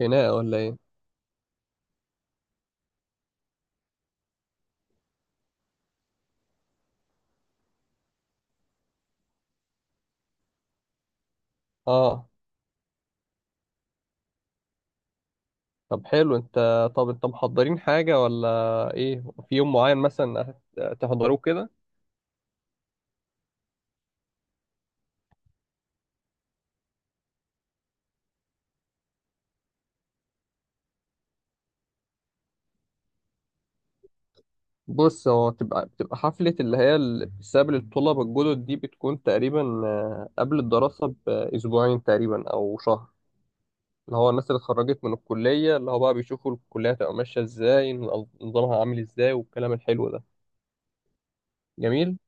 خناقة ولا ايه؟ اه. طب حلو انت. طب انت محضرين حاجة ولا ايه؟ في يوم معين مثلا؟ تحضروه كده؟ بص، هو بتبقى حفلة اللي هي بسبب الطلبة الجدد دي، بتكون تقريبا قبل الدراسة بأسبوعين تقريبا أو شهر. اللي هو الناس اللي اتخرجت من الكلية، اللي هو بقى بيشوفوا الكلية هتبقى ماشية ازاي، نظامها عامل ازاي والكلام الحلو ده. جميل.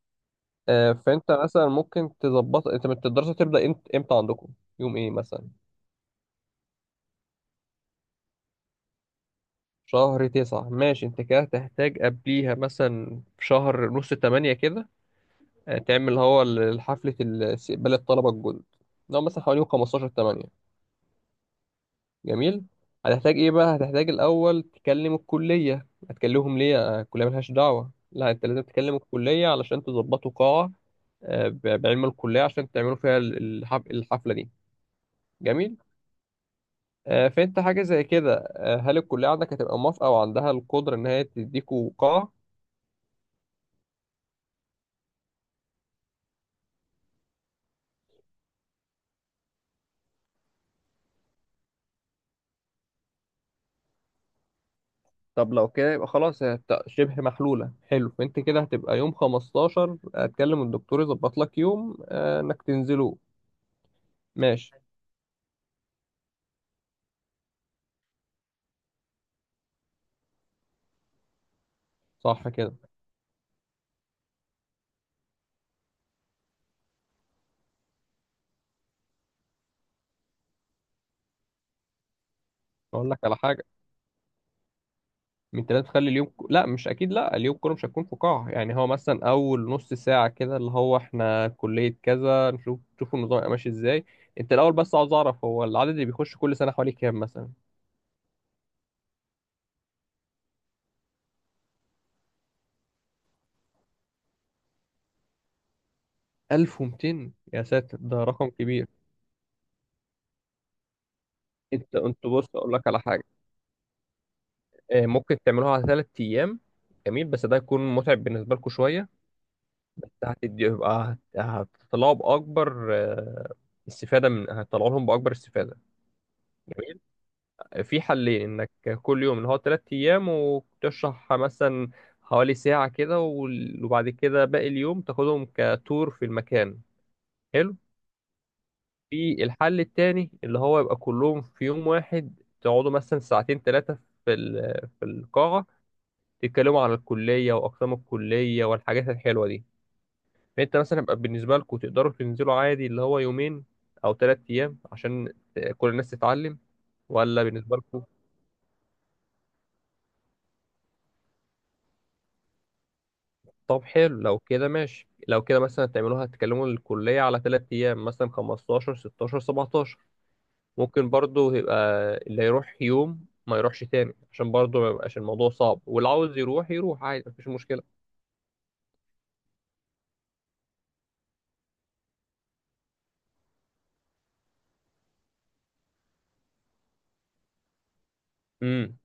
فانت مثلا ممكن تظبط انت الدراسة تبدأ امتى عندكم، يوم ايه مثلا؟ شهر تسعة؟ ماشي، انت كده هتحتاج قبليها مثلا في شهر نص تمانية كده، تعمل اللي هو حفلة استقبال الطلبة الجدد، اللي هو مثلا حوالي يوم خمستاشر تمانية. جميل. هتحتاج ايه بقى؟ هتحتاج الأول تكلم الكلية. هتكلمهم ليه؟ الكلية ملهاش دعوة، لا انت لازم تكلم الكلية علشان تظبطوا قاعة، بعلم الكلية عشان تعملوا فيها الحفلة دي. جميل. فانت حاجة زي كده، هل الكلية عندك هتبقى موافقة وعندها القدرة ان هي تديكوا قاعة؟ طب لو كده يبقى خلاص، هي شبه محلولة. حلو. فانت كده هتبقى يوم 15 هتكلم الدكتور يظبط لك يوم، انك تنزله. ماشي، صح كده. اقول لك على حاجة، من تلاتة تخلي اليوم لا، مش اكيد، لا. اليوم كله مش هتكون في قاعة، يعني هو مثلا اول نص ساعة كده اللي هو احنا كلية كذا، نشوف النظام يبقى ماشي ازاي. انت الاول، بس عاوز اعرف هو العدد اللي بيخش كل سنة حوالي كام مثلا؟ 1200؟ يا ساتر، ده رقم كبير. انت بص، اقول لك على حاجة، ممكن تعملوها على ثلاث ايام. جميل، بس ده هيكون متعب بالنسبه لكم شويه، بس هتدي، يبقى هتطلعوا باكبر استفاده، من هتطلعوا لهم باكبر استفاده. جميل. في حلين، انك كل يوم اللي هو ثلاث ايام وتشرح مثلا حوالي ساعه كده، وبعد كده باقي اليوم تاخدهم كتور في المكان. حلو. في الحل التاني اللي هو يبقى كلهم في يوم واحد، تقعدوا مثلا ساعتين ثلاثه في القاعه تتكلموا عن الكلية وأقسام الكلية والحاجات الحلوة دي. فأنت مثلا يبقى بالنسبة لكم تقدروا تنزلوا عادي اللي هو يومين أو تلات أيام عشان كل الناس تتعلم، ولا بالنسبة لكم؟ طب حلو، لو كده ماشي. لو كده مثلا تعملوها تكلموا الكلية على تلات أيام مثلا 15 16 17. ممكن برضو يبقى اللي يروح يوم ما يروحش تاني عشان برضو ما يبقاش الموضوع صعب، واللي عاوز يروح يروح عادي، مفيش مشكلة. امم.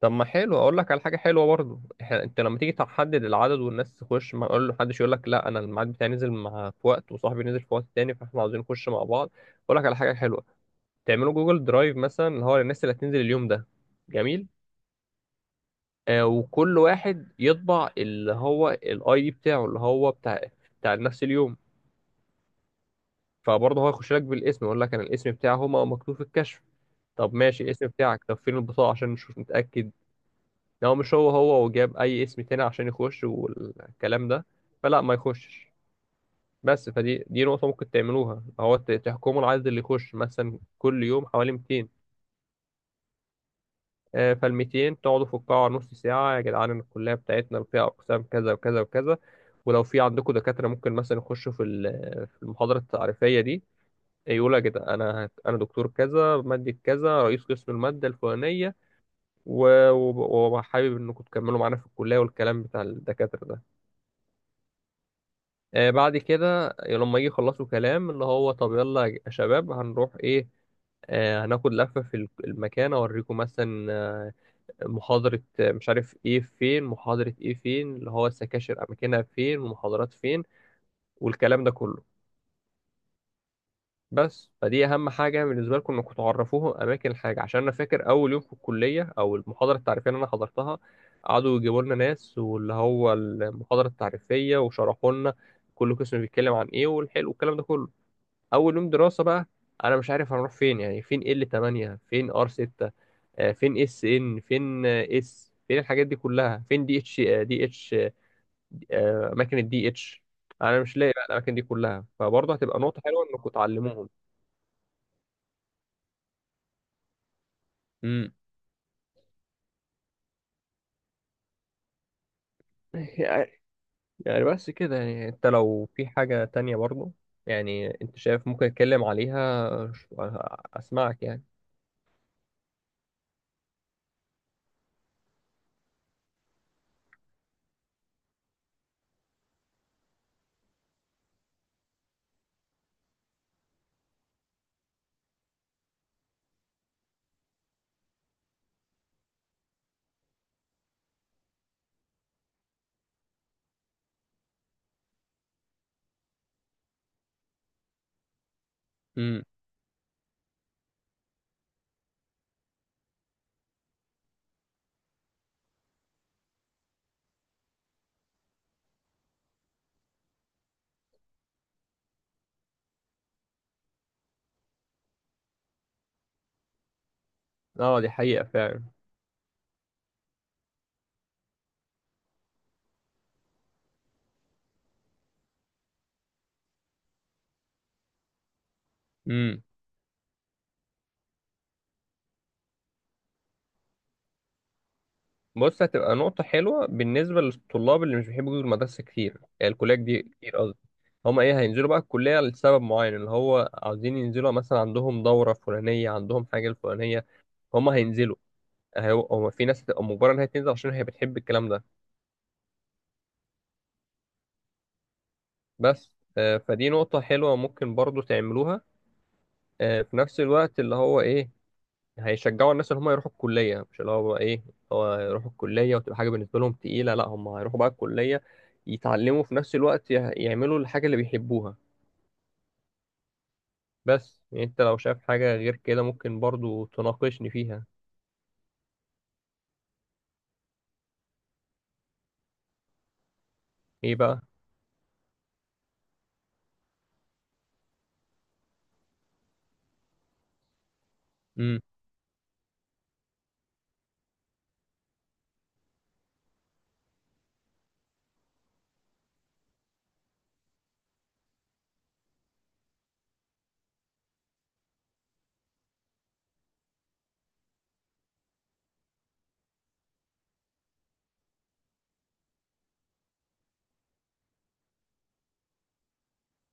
طب ما حلو، اقول لك على حاجه حلوه برضو. انت لما تيجي تحدد العدد والناس تخش، ما اقول له محدش يقول لك لا انا الميعاد بتاعي نزل مع في وقت وصاحبي نزل في وقت تاني، فاحنا عاوزين نخش مع بعض. اقول لك على حاجه حلوه، تعملوا جوجل درايف مثلا اللي هو للناس اللي هتنزل اليوم ده. جميل. وكل واحد يطبع اللي هو الاي دي بتاعه اللي هو بتاع نفس اليوم، فبرضه هو يخش لك بالاسم، يقول لك انا الاسم بتاعه هو مكتوب في الكشف. طب ماشي، الاسم بتاعك؟ طب فين البطاقه عشان نشوف نتاكد؟ لو مش هو وجاب اي اسم تاني عشان يخش والكلام ده، فلا، ما يخشش. بس فدي نقطة ممكن تعملوها، هو تحكموا العدد اللي يخش مثلا كل يوم حوالي 200. فال 200 تقعدوا في القاعة نص ساعة، يا جدعان إن الكلية بتاعتنا فيها أقسام كذا وكذا وكذا. ولو في عندكم دكاترة ممكن مثلا يخشوا في المحاضرة التعريفية دي، يقول يا جدعان، أنا دكتور كذا، مادة كذا، رئيس قسم المادة الفلانية، وحابب إنكم تكملوا معانا في الكلية والكلام بتاع الدكاترة ده. بعد كده لما يجي يخلصوا كلام اللي هو طب يلا يا شباب هنروح ايه، هناخد لفة في المكان اوريكم مثلا محاضرة، مش عارف ايه، فين محاضرة ايه، فين اللي هو السكاشر اماكنها فين والمحاضرات فين والكلام ده كله. بس فدي اهم حاجة بالنسبة لكم، انكم تعرفوهم اماكن الحاجة، عشان انا فاكر اول يوم في الكلية او المحاضرة التعريفية اللي انا حضرتها قعدوا يجيبوا لنا ناس واللي هو المحاضرة التعريفية وشرحوا لنا كل قسم بيتكلم عن ايه والحلو والكلام ده كله. اول يوم دراسه بقى انا مش عارف هنروح فين، يعني فين ال 8، فين ار 6، فين اس ان، فين اس، فين الحاجات دي كلها، فين دي اتش، اماكن الدي اتش، انا مش لاقي بقى الاماكن دي كلها. فبرضه هتبقى نقطه حلوه انكم تعلموهم. امم. يعني، يعني بس كده. يعني انت لو في حاجه تانية برضه، يعني انت شايف ممكن اتكلم عليها اسمعك يعني. امم. اه، دي حقيقه فعلا. امم. بص، هتبقى نقطة حلوة بالنسبة للطلاب اللي مش بيحبوا يجوا المدرسة كتير، يعني الكليات دي كتير قصدي. هما ايه، هينزلوا بقى الكلية لسبب معين اللي هو عاوزين ينزلوا مثلا عندهم دورة فلانية، عندهم حاجة الفلانية، هما هينزلوا. هما في ناس هتبقى مجبرة انها تنزل عشان هي بتحب الكلام ده. بس فدي نقطة حلوة ممكن برضو تعملوها، في نفس الوقت اللي هو ايه، هيشجعوا الناس ان هم يروحوا الكليه، مش اللي هو بقى ايه هو يروحوا الكليه وتبقى حاجه بالنسبه لهم تقيله، لا هم هيروحوا بقى الكليه يتعلموا، في نفس الوقت يعملوا الحاجه اللي بيحبوها. بس يعني انت لو شايف حاجه غير كده ممكن برضو تناقشني فيها. ايه بقى؟ امم.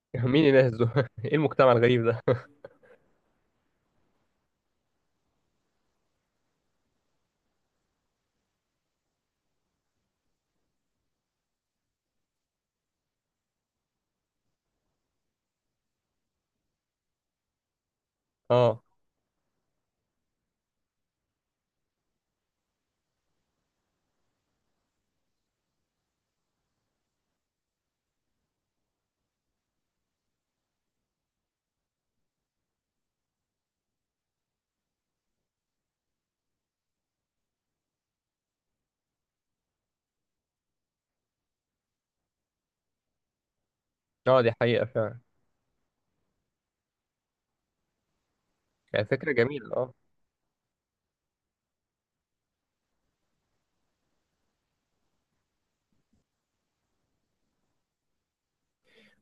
مين الناس دول؟ ايه المجتمع الغريب ده؟ اه. اه، دي حقيقه فعلا. يعني فكره جميله، اه.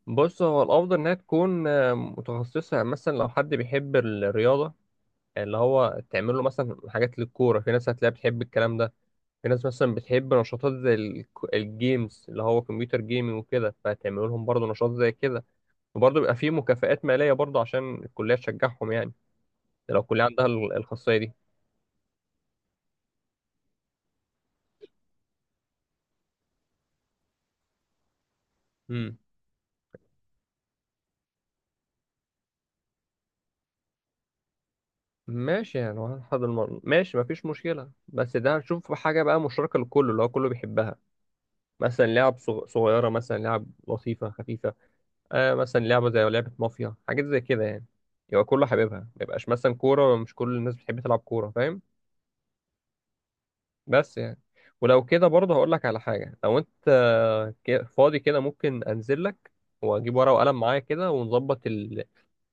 بص، هو الافضل انها تكون متخصصه، يعني مثلا لو حد بيحب الرياضه اللي هو تعمل له مثلا حاجات للكوره، في ناس هتلاقيها بتحب الكلام ده. في ناس مثلا بتحب نشاطات زي الجيمز اللي هو كمبيوتر جيمنج وكده، فهتعملوا لهم برضه نشاط زي كده. وبرضه بيبقى فيه مكافآت مالية برضه عشان الكلية تشجعهم يعني، ده لو الكلية عندها الخاصية دي. امم. ماشي، يعني هنحضر ماشي مفيش مشكلة. بس ده هنشوف حاجة بقى مشتركة لكله اللي هو كله بيحبها، مثلا لعب صغيرة، مثلا لعب لطيفة خفيفة، آه مثلا لعبة زي لعبة مافيا، حاجات زي كده يعني. يبقى كله حاببها، ما يبقاش مثلا كورة، مش كل الناس بتحب تلعب كورة، فاهم؟ بس يعني، ولو كده برضه هقول لك على حاجة، لو انت فاضي كده ممكن انزل لك واجيب ورقة وقلم معايا كده، ونظبط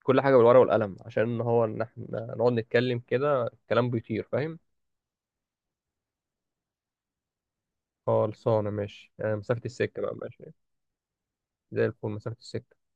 كل حاجة بالورقة والقلم، عشان هو ان احنا نقعد نتكلم كده الكلام بيطير، فاهم؟ خلصانة ماشي. مسافة السكة بقى. ماشي، زي الفل، مسافة السكة.